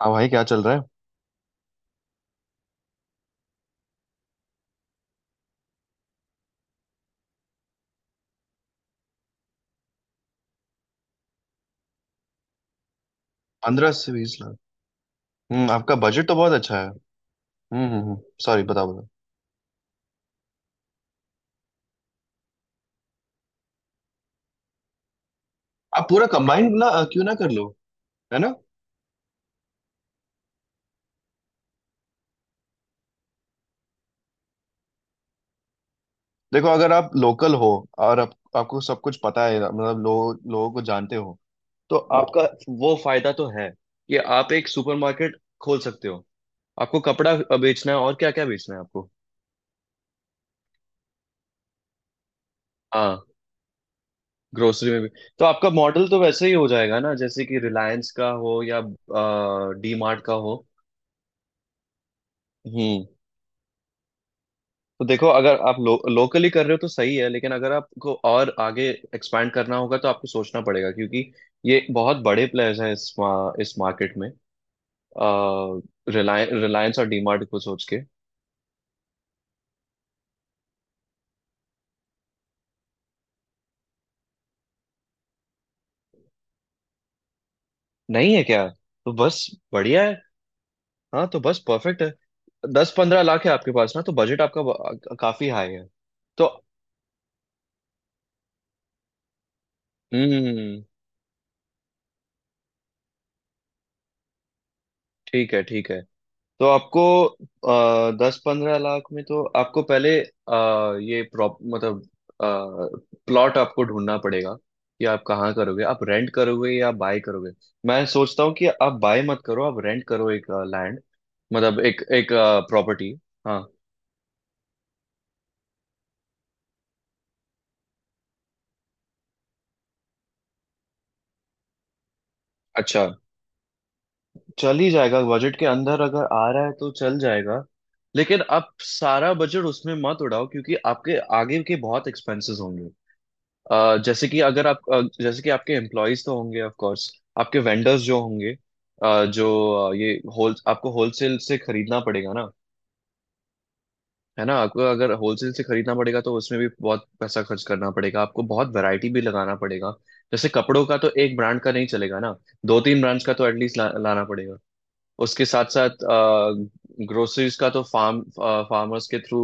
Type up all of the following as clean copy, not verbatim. हाँ भाई, क्या चल रहा है। पंद्रह से बीस लाख। आपका बजट तो बहुत अच्छा है। हम्म। हम्म। हम्म। सॉरी, बताओ बताओ। आप पूरा कंबाइंड ना क्यों ना कर लो। है ना। देखो, अगर आप लोकल हो और आपको सब कुछ पता है, मतलब लोग लोगों को जानते हो, तो आपका वो फायदा तो है कि आप एक सुपरमार्केट खोल सकते हो। आपको कपड़ा बेचना है और क्या क्या बेचना है आपको। हाँ। ग्रोसरी में भी तो आपका मॉडल तो वैसे ही हो जाएगा ना, जैसे कि रिलायंस का हो या डी मार्ट का हो। हम्म। तो देखो, अगर आप लोकली कर रहे हो तो सही है, लेकिन अगर आपको और आगे एक्सपैंड करना होगा तो आपको सोचना पड़ेगा, क्योंकि ये बहुत बड़े प्लेयर्स हैं इस मार्केट में। रिलायंस रिलायंस और डीमार्ट को सोच के। नहीं है क्या। तो बस, बढ़िया है। हाँ, तो बस परफेक्ट है। दस पंद्रह लाख है आपके पास ना, तो बजट आपका काफी हाई है। तो, हम्म, ठीक है, ठीक है। तो आपको, दस पंद्रह लाख में तो आपको पहले ये प्रॉप मतलब प्लॉट आपको ढूंढना पड़ेगा कि आप कहाँ करोगे, आप रेंट करोगे या बाय करोगे। मैं सोचता हूँ कि आप बाय मत करो, आप रेंट करो, एक लैंड, मतलब एक एक प्रॉपर्टी। हाँ। अच्छा। चल ही जाएगा, बजट के अंदर अगर आ रहा है तो चल जाएगा। लेकिन आप सारा बजट उसमें मत उड़ाओ, क्योंकि आपके आगे के बहुत एक्सपेंसेस होंगे। जैसे कि अगर आप अ, जैसे कि आपके एम्प्लॉयज तो होंगे, ऑफ कोर्स। आपके वेंडर्स जो होंगे, अ, जो अ, ये होल आपको होलसेल से खरीदना पड़ेगा ना। है ना। आपको अगर होलसेल से खरीदना पड़ेगा तो उसमें भी बहुत पैसा खर्च करना पड़ेगा, आपको बहुत वैरायटी भी लगाना पड़ेगा। जैसे कपड़ों का तो एक ब्रांड का नहीं चलेगा ना। दो तीन ब्रांड्स का तो एटलीस्ट लाना पड़ेगा। उसके साथ साथ, ग्रोसरीज का तो फार्मर्स के थ्रू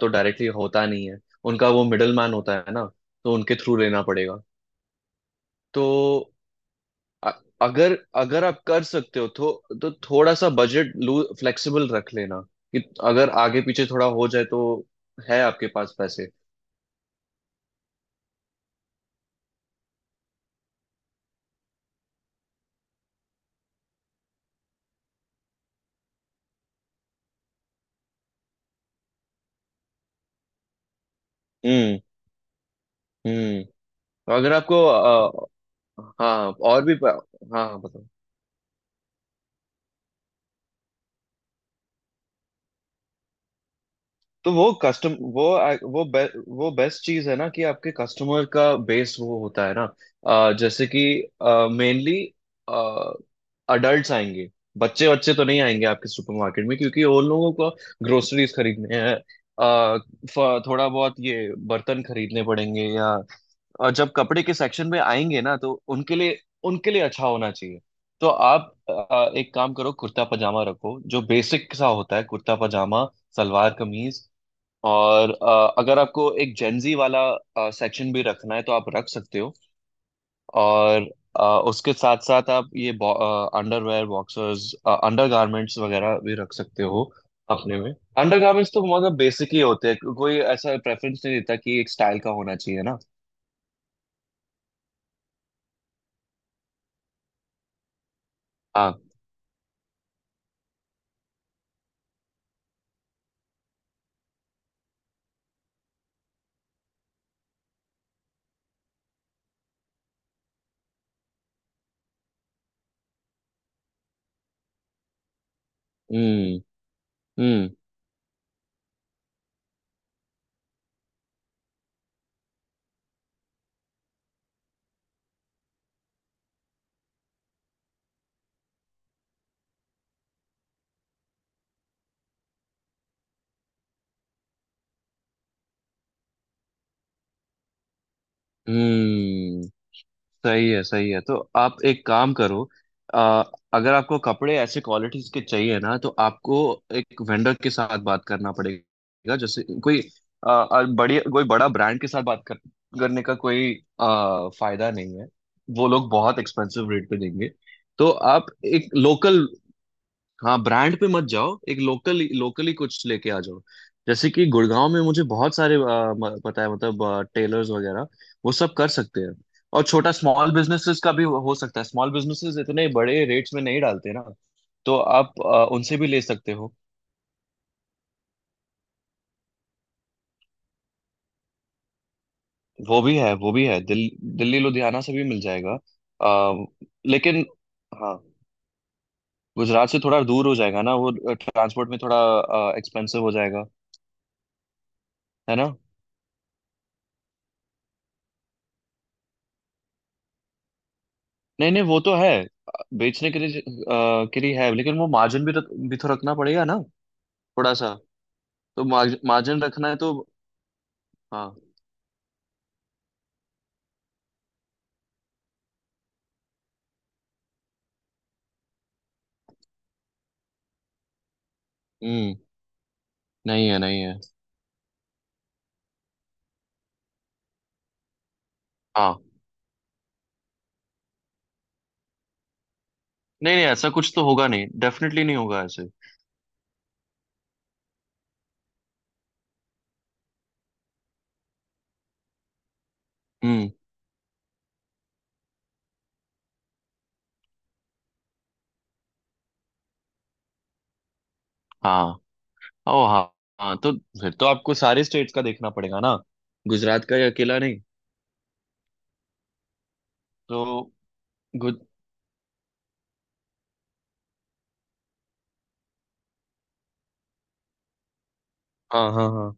तो डायरेक्टली होता नहीं है। उनका वो मिडल मैन होता है ना, तो उनके थ्रू लेना पड़ेगा। तो अ- अगर अगर आप कर सकते हो तो थोड़ा सा बजट लू फ्लेक्सिबल रख लेना कि अगर आगे पीछे थोड़ा हो जाए तो, है आपके पास पैसे। हम्म। हम्म। अगर आपको, हाँ और भी हाँ हाँ, बताओ। तो वो कस्टम वो आ- वो बे, वो बेस्ट चीज है ना, कि आपके कस्टमर का बेस वो होता है ना। जैसे कि मेनली अडल्ट्स आएंगे। बच्चे बच्चे तो नहीं आएंगे आपके सुपरमार्केट में, क्योंकि उन लोगों को ग्रोसरीज खरीदने हैं, थोड़ा बहुत ये बर्तन खरीदने पड़ेंगे या। और जब कपड़े के सेक्शन में आएंगे ना, तो उनके लिए अच्छा होना चाहिए। तो आप एक काम करो, कुर्ता पजामा रखो, जो बेसिक सा होता है, कुर्ता पजामा, सलवार कमीज। और अगर आपको एक जेंजी वाला सेक्शन भी रखना है तो आप रख सकते हो। और अ, उसके साथ साथ आप ये अंडरवेयर, बॉक्सर्स, अंडरगारमेंट्स वगैरह भी रख सकते हो अपने में। अंडरगारमेंट्स तो मतलब बेसिक ही होते हैं, कोई ऐसा प्रेफरेंस नहीं देता कि एक स्टाइल का होना चाहिए ना। हाँ। हम्म। हम्म। हम्म। सही है, सही है। तो आप एक काम करो, अ, अगर आपको कपड़े ऐसे क्वालिटीज के चाहिए ना, तो आपको एक वेंडर के साथ बात करना पड़ेगा, जैसे कोई बड़ी कोई बड़ा ब्रांड के साथ बात करने का कोई फायदा नहीं है। वो लोग बहुत एक्सपेंसिव रेट पे देंगे। तो आप एक लोकल, हाँ, ब्रांड पे मत जाओ, एक लोकल लोकली कुछ लेके आ जाओ। जैसे कि गुड़गांव में मुझे बहुत सारे पता है, मतलब टेलर्स वगैरह, वो सब कर सकते हैं। और छोटा स्मॉल बिजनेसेस का भी हो सकता है, स्मॉल बिजनेसेस इतने बड़े रेट्स में नहीं डालते ना। तो आप उनसे भी ले सकते हो। वो भी है, वो भी है, दिल्ली लुधियाना से भी मिल जाएगा। आ, लेकिन, हाँ, गुजरात से थोड़ा दूर हो जाएगा ना, वो ट्रांसपोर्ट में थोड़ा एक्सपेंसिव हो जाएगा। है ना। नहीं नहीं, वो तो है, बेचने के लिए, के लिए है, लेकिन वो मार्जिन भी भी तो रखना पड़ेगा ना, थोड़ा सा। तो मार्जिन रखना है तो। हाँ। हम्म। नहीं है, नहीं है। हाँ, नहीं नहीं, ऐसा कुछ तो होगा नहीं, डेफिनेटली नहीं होगा ऐसे। हम्म। हाँ। ओ हाँ। हाँ, तो फिर तो आपको सारे स्टेट्स का देखना पड़ेगा ना, गुजरात का ही अकेला नहीं। तो गुज हाँ हाँ हाँ,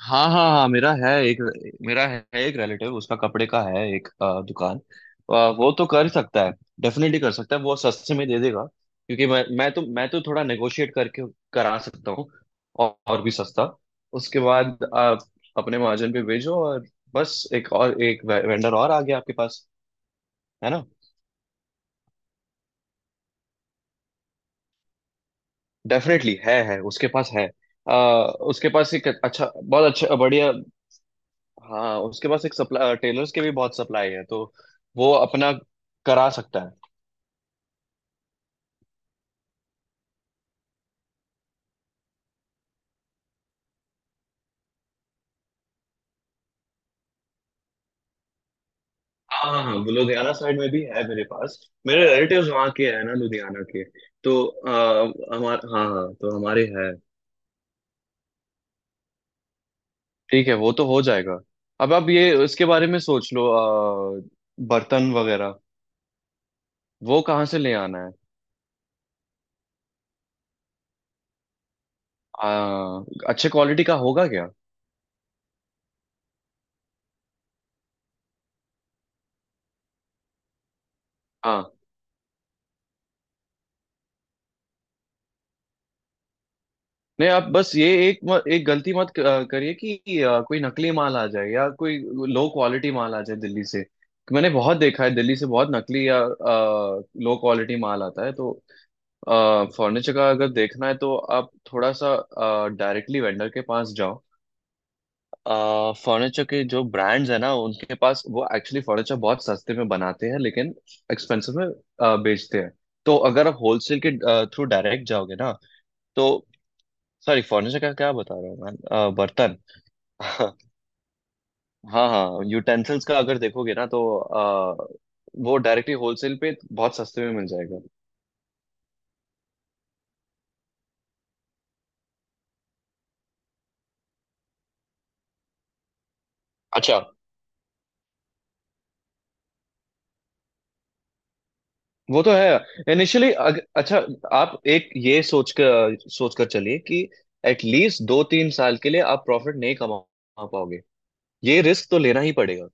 हाँ हाँ हाँ। मेरा है एक रिलेटिव, उसका कपड़े का है एक दुकान। वो तो कर सकता है। डेफिनेटली कर सकता है, वो सस्ते में दे देगा, क्योंकि मैं तो थोड़ा नेगोशिएट करके करा सकता हूँ। और भी सस्ता। उसके बाद आप अपने मार्जिन पे भेजो, और बस एक और, एक वेंडर और आ गया आपके पास। है ना। डेफिनेटली है, उसके पास है, उसके पास एक अच्छा, बहुत अच्छा, बढ़िया। हाँ, उसके पास एक सप्लाई, टेलर्स के भी बहुत सप्लाई है, तो वो अपना करा सकता है। हाँ हाँ हाँ, वो लुधियाना साइड में भी है मेरे पास। मेरे रिलेटिव्स वहाँ के हैं ना, लुधियाना के। तो आ, हमार हाँ हाँ, तो हमारे है। ठीक है, वो तो हो जाएगा। अब आप ये इसके बारे में सोच लो, बर्तन वगैरह वो कहाँ से ले आना है। आ, अच्छे क्वालिटी का होगा क्या। नहीं, आप बस ये एक एक गलती मत करिए, कि कोई नकली माल आ जाए या कोई लो क्वालिटी माल आ जाए दिल्ली से। मैंने बहुत देखा है, दिल्ली से बहुत नकली या लो क्वालिटी माल आता है, तो। फर्नीचर का अगर देखना है तो आप थोड़ा सा डायरेक्टली वेंडर के पास जाओ। फर्नीचर के जो ब्रांड्स है ना उनके पास, वो एक्चुअली फर्नीचर बहुत सस्ते में बनाते हैं, लेकिन एक्सपेंसिव में बेचते हैं। तो अगर आप होलसेल के थ्रू डायरेक्ट जाओगे ना, तो। सॉरी, फर्नीचर का क्या बता रहा हूँ मैं, बर्तन। हाँ हाँ, यूटेंसिल्स का अगर देखोगे ना, तो वो डायरेक्टली होलसेल पे बहुत सस्ते में मिल जाएगा। अच्छा, वो तो है इनिशियली। अच्छा, आप एक ये सोच कर चलिए कि एटलीस्ट दो तीन साल के लिए आप प्रॉफिट नहीं कमा पाओगे। ये रिस्क तो लेना ही पड़ेगा।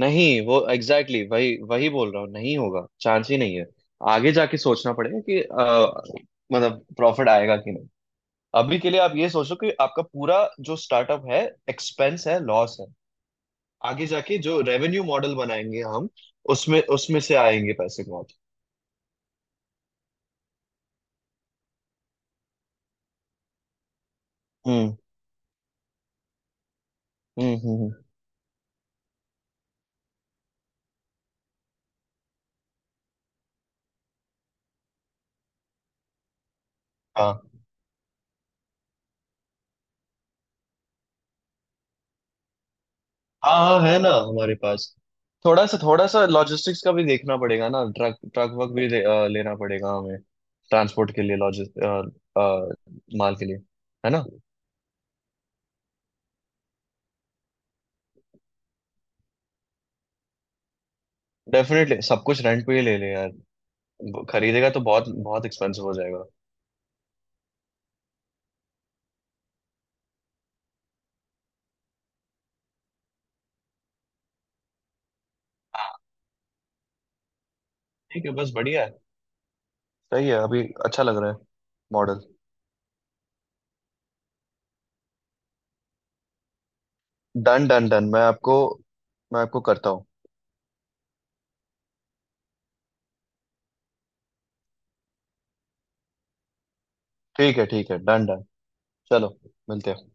नहीं, वो एग्जैक्टली exactly, वही वही बोल रहा हूँ, नहीं होगा, चांस ही नहीं है। आगे जाके सोचना पड़ेगा कि मतलब प्रॉफिट आएगा कि नहीं। अभी के लिए आप ये सोचो कि आपका पूरा जो स्टार्टअप है, एक्सपेंस है, लॉस है। आगे जाके जो रेवेन्यू मॉडल बनाएंगे हम, उसमें उसमें से आएंगे पैसे बहुत। हम्म। हम्म। हम्म। हम्म। हाँ हाँ हाँ, है ना, हमारे पास। थोड़ा सा लॉजिस्टिक्स का भी देखना पड़ेगा ना, ट्रक ट्रक वर्क भी लेना पड़ेगा हमें। ट्रांसपोर्ट के लिए, लॉजिस्ट माल के लिए। है ना। डेफिनेटली सब कुछ रेंट पे ही ले ले यार, खरीदेगा तो बहुत बहुत एक्सपेंसिव हो जाएगा। हाँ, ठीक है, बस बढ़िया है। सही है, अभी अच्छा लग रहा है मॉडल। डन डन डन, मैं आपको करता हूँ। ठीक है, ठीक है, डन डन, चलो, मिलते हैं।